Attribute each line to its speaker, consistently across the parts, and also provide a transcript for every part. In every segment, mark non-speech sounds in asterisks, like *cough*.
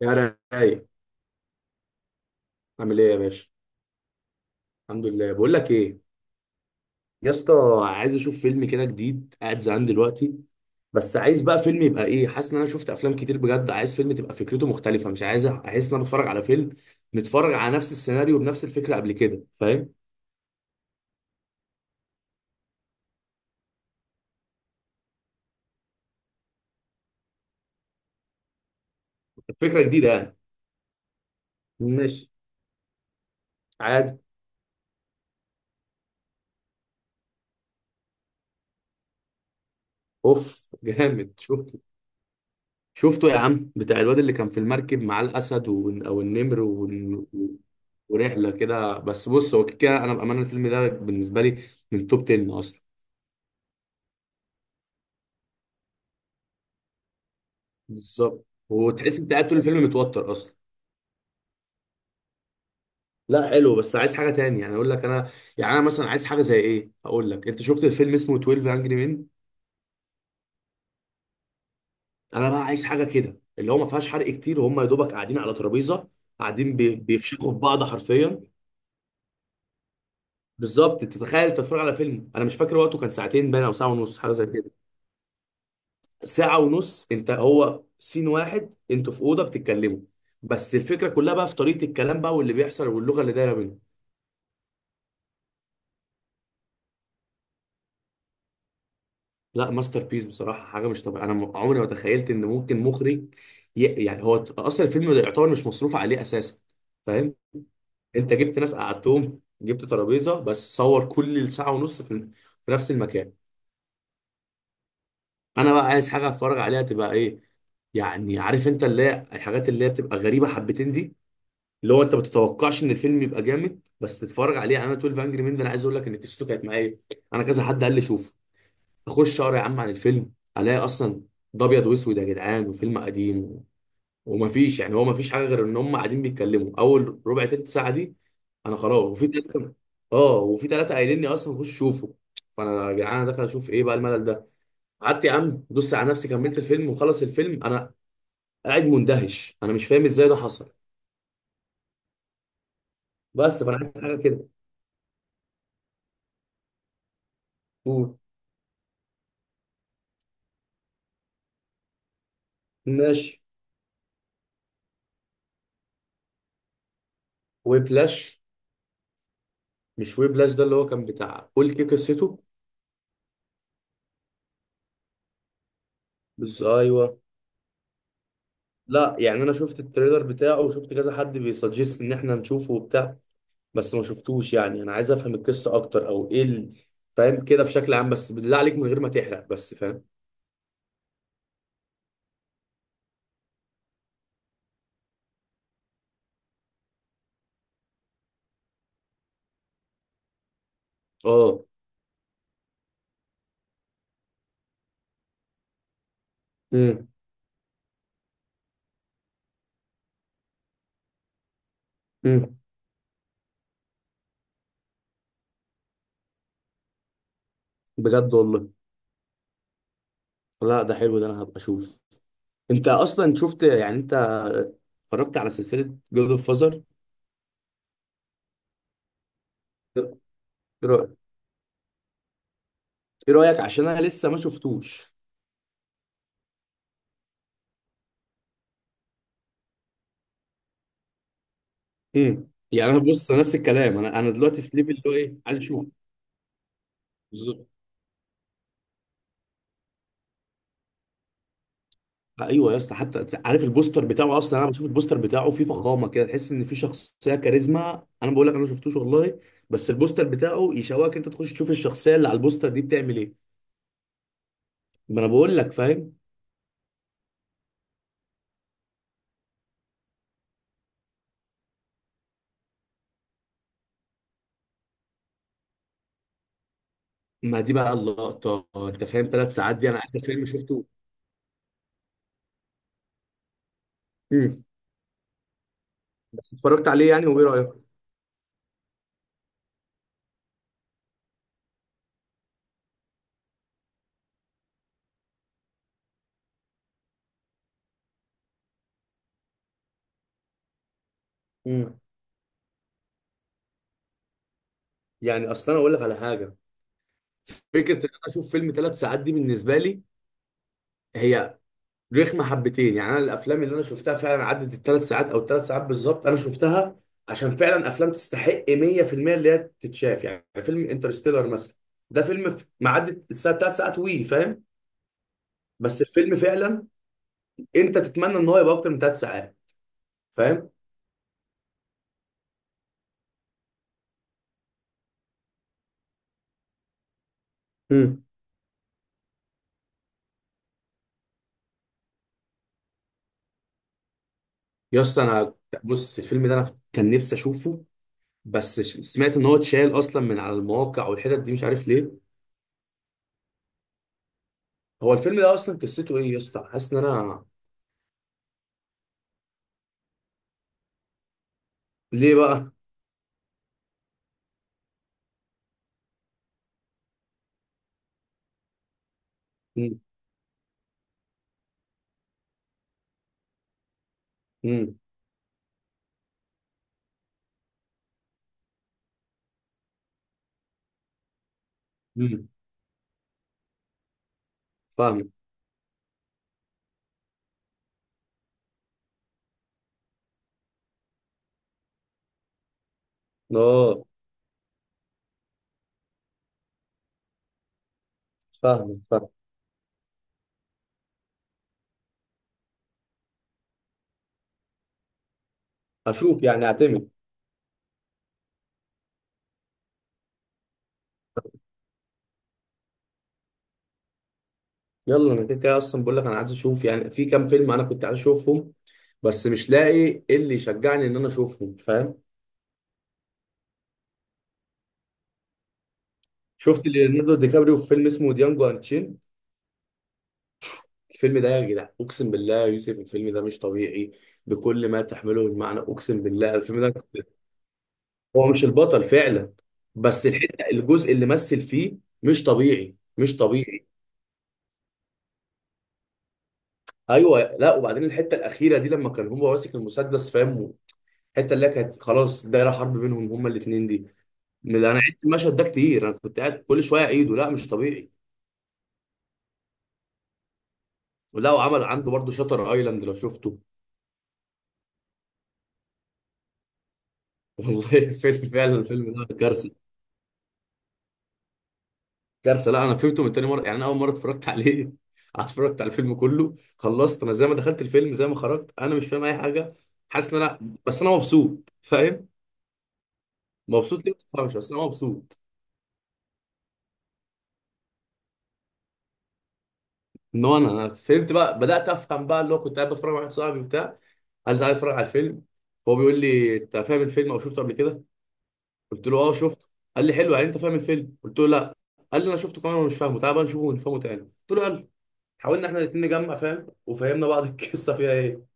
Speaker 1: يا رايق، عامل ايه يا باشا؟ الحمد لله. بقول لك ايه، يا اسطى، عايز اشوف فيلم كده جديد، قاعد زهقان دلوقتي. بس عايز بقى فيلم يبقى ايه، حاسس ان انا شفت افلام كتير، بجد عايز فيلم تبقى فكرته مختلفه، مش عايز احس ان انا بتفرج على فيلم متفرج على نفس السيناريو بنفس الفكره قبل كده، فاهم؟ فكره جديده يعني. ماشي. عادي. اوف جامد، شفت؟ شفته يا عم، بتاع الواد اللي كان في المركب مع الاسد او النمر ورحله كده. بس بص، هو كده انا بامانه الفيلم ده بالنسبه لي من توب 10 اصلا. بالظبط، وتحس انت قاعد طول الفيلم متوتر اصلا. لا حلو، بس عايز حاجه تاني يعني اقول لك انا. يعني انا مثلا عايز حاجه زي ايه، اقول لك، انت شفت الفيلم اسمه 12 انجري مين؟ انا بقى عايز حاجه كده اللي هو ما فيهاش حرق كتير، وهم يا دوبك قاعدين على ترابيزه قاعدين بيفشخوا في بعض حرفيا. بالظبط، تتخيل انت تتفرج على فيلم، انا مش فاكر وقته كان ساعتين باين او ساعه ونص حاجه زي كده. ساعة ونص انت هو سين واحد، انتوا في أوضة بتتكلموا، بس الفكرة كلها بقى في طريقة الكلام بقى واللي بيحصل واللغة اللي دايرة بينهم. لا ماستر بيس بصراحة، حاجة مش طبيعية. أنا عمري ما تخيلت إن ممكن مخرج يعني هو أصلا الفيلم ده يعتبر مش مصروف عليه أساسا. فاهم؟ أنت جبت ناس قعدتهم، جبت ترابيزة، بس صور كل الساعة ونص في نفس المكان. أنا بقى عايز حاجة أتفرج عليها تبقى إيه، يعني عارف، أنت اللي هي الحاجات اللي هي بتبقى غريبة حبتين دي، اللي هو انت ما تتوقعش ان الفيلم يبقى جامد بس تتفرج عليه. يعني انا 12 انجري مان ده انا عايز اقول لك ان قصته كانت معايا. انا كذا حد قال لي شوف، اخش اقرا يا عم عن الفيلم، الاقي اصلا ده ابيض واسود يا جدعان، وفيلم قديم ومفيش، يعني هو مفيش حاجه غير ان هم قاعدين بيتكلموا اول ربع تلت ساعه دي. انا خلاص، وفي تلاته اه، وفي تلاته قايلين لي اصلا خش شوفه. فانا يا جدعان انا داخل اشوف ايه بقى الملل ده. قعدت يا عم دوست على نفسي كملت الفيلم، وخلص الفيلم انا قاعد مندهش، انا مش فاهم ازاي ده حصل. بس فانا عايز حاجه كده. قول. ماشي. ويبلاش. مش ويبلاش ده اللي هو كان بتاع قول كيك قصته؟ بس ايوه. لا، يعني انا شفت التريلر بتاعه وشفت كذا حد بيسجست ان احنا نشوفه وبتاع، بس ما شفتوش. يعني انا عايز افهم القصه اكتر، او ايه فاهم، كده بشكل عام، بس بالله عليك من غير ما تحرق، بس فاهم. اه. امم، امم. بجد والله؟ لا ده حلو، ده انا هبقى اشوف. انت اصلا شفت يعني، انت اتفرجت على سلسله جود اوف فازر؟ ايه رأ- إيه رايك، عشان انا لسه ما شفتوش. امم، يعني انا بص نفس الكلام، انا دلوقتي في ليفل اللي هو ايه، عايز اشوف. بالظبط. ايوه يا اسطى، حتى عارف البوستر بتاعه اصلا، انا بشوف البوستر بتاعه فيه فخامه كده، تحس ان في شخصيه كاريزما. انا بقول لك انا ما شفتوش والله، بس البوستر بتاعه يشوقك انت تخش تشوف الشخصيه اللي على البوستر دي بتعمل ايه. ما انا بقول لك، فاهم. ما دي بقى اللقطه انت فاهم، ثلاث ساعات دي انا اخر فيلم شفته. امم. بس اتفرجت عليه يعني، وايه رايك؟ امم. يعني اصلا انا اقول لك على حاجه. فكره ان انا اشوف فيلم ثلاث ساعات دي بالنسبه لي هي رخمه حبتين. يعني انا الافلام اللي انا شفتها فعلا عدت الثلاث ساعات او الثلاث ساعات بالظبط، انا شفتها عشان فعلا افلام تستحق 100% اللي هي تتشاف. يعني فيلم انترستيلر مثلا ده فيلم ما عدت الساعه ثلاث ساعات وي، فاهم؟ بس الفيلم فعلا انت تتمنى ان هو يبقى اكتر من ثلاث ساعات. فاهم. مم. يا اسطى انا، بص الفيلم ده انا كان نفسي اشوفه، بس سمعت ان هو اتشال اصلا من على المواقع والحتت دي، مش عارف ليه. هو الفيلم ده اصلا قصته ايه يا اسطى، حاسس ان انا. ليه بقى؟ امم. امم. فاهم. اه. فاهم فاهم. اشوف يعني، اعتمد. يلا انا كده كده اصلا بقول لك، انا عايز اشوف. يعني في كام فيلم انا كنت عايز اشوفهم، بس مش لاقي إيه اللي يشجعني ان انا اشوفهم، فاهم. شفت ليوناردو دي كابريو في فيلم اسمه ديانجو انتشين؟ الفيلم ده يا جدع اقسم بالله يا يوسف الفيلم ده مش طبيعي، بكل ما تحمله المعنى. اقسم بالله الفيلم ده هو مش البطل فعلا، بس الحته، الجزء اللي مثل فيه مش طبيعي، مش طبيعي. ايوه. لا وبعدين الحته الاخيره دي لما كان هو ماسك المسدس، فاهم، الحته اللي هي كانت خلاص دايره حرب بينهم هما الاثنين دي. انا عدت المشهد ده كتير، انا كنت قاعد كل شويه اعيده، لا مش طبيعي. ولا وعمل عنده برضه شاتر ايلاند، لو شفته. *laughs* والله فيلم فعلا، الفيلم ده كارثه. كارثه. لا انا فهمته من تاني مره، يعني انا اول مره اتفرجت عليه *laughs* اتفرجت على الفيلم كله، خلصت انا زي ما دخلت الفيلم زي ما خرجت، انا مش فاهم اي حاجه. حاسس ان انا، بس انا مبسوط، فاهم. مبسوط ليه ما تفهمش؟ بس انا مبسوط. ان هو انا، أنا فهمت بقى، بدات افهم بقى، اللي هو كنت قاعد بتفرج مع واحد صاحبي وبتاع، قال لي تعالى اتفرج على الفيلم. هو بيقول لي انت فاهم الفيلم او شفته قبل كده، قلت له اه شفته. قال لي حلو، يعني انت فاهم الفيلم؟ قلت له لا. قال لي انا شفته كمان ومش فاهمه، تعالى بقى نشوفه ونفهمه تاني. قلت له يلا. حاولنا احنا الاثنين نجمع فاهم، وفهمنا بعض *laughs* القصه فيها ايه.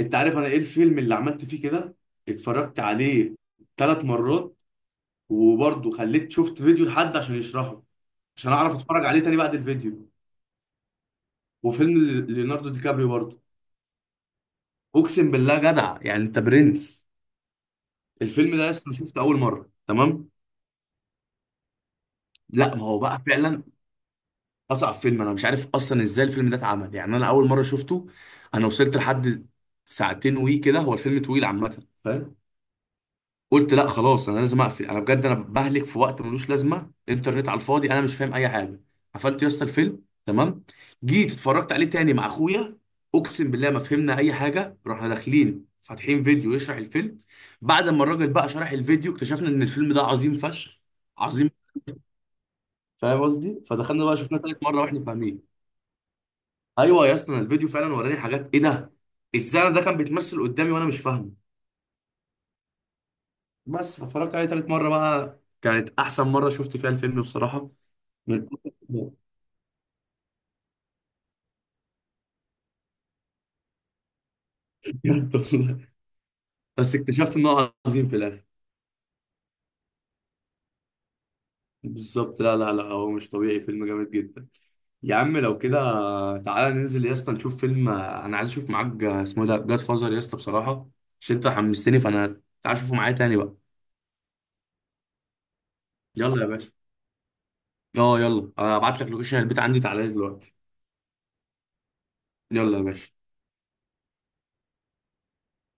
Speaker 1: انت عارف انا ايه الفيلم اللي عملت فيه كده؟ اتفرجت عليه ثلاث مرات، وبرضه خليت شفت فيديو لحد عشان يشرحه، عشان اعرف اتفرج عليه تاني بعد الفيديو. وفيلم ليوناردو دي كابريو برضه. اقسم بالله جدع يعني، انت برنس. الفيلم ده لسه شفته اول مره، تمام. لا ما هو بقى فعلا. اصعب فيلم، انا مش عارف اصلا ازاي الفيلم ده اتعمل، يعني انا اول مره شفته، انا وصلت لحد ساعتين وي كده، هو الفيلم طويل عامه، فاهم. قلت لا خلاص انا لازم اقفل، انا بجد انا بهلك في وقت ملوش لازمه، انترنت على الفاضي، انا مش فاهم اي حاجه. قفلت يا اسطى الفيلم، تمام. جيت اتفرجت عليه تاني مع اخويا، اقسم بالله ما فهمنا اي حاجه. رحنا داخلين فاتحين فيديو يشرح الفيلم. بعد ما الراجل بقى شرح الفيديو، اكتشفنا ان الفيلم ده عظيم فشخ، عظيم. فاهم قصدي؟ فدخلنا بقى شفناه تالت مره واحنا فاهمين. ايوه يا اسطى، أنا الفيديو فعلا وراني حاجات ايه ده، ازاي انا ده كان بيتمثل قدامي وانا مش فاهمه. بس فاتفرجت عليه تالت مره بقى، كانت احسن مره شفت فيها الفيلم بصراحه. من *laughs* بس اكتشفت ان هو عظيم في الاخر. بالظبط. لا لا لا، هو مش طبيعي، فيلم جامد جدا. يا عم لو كده تعالى ننزل يا اسطى نشوف فيلم، انا عايز اشوف معاك، اسمه إيه ده، جاد فازر، يا اسطى بصراحه عشان انت حمستني. فانا تعالى اشوفه معايا تاني بقى. يلا يا باشا. اه يلا، ابعت لك لوكيشن البيت عندي تعالى لي دلوقتي. يلا يا باشا.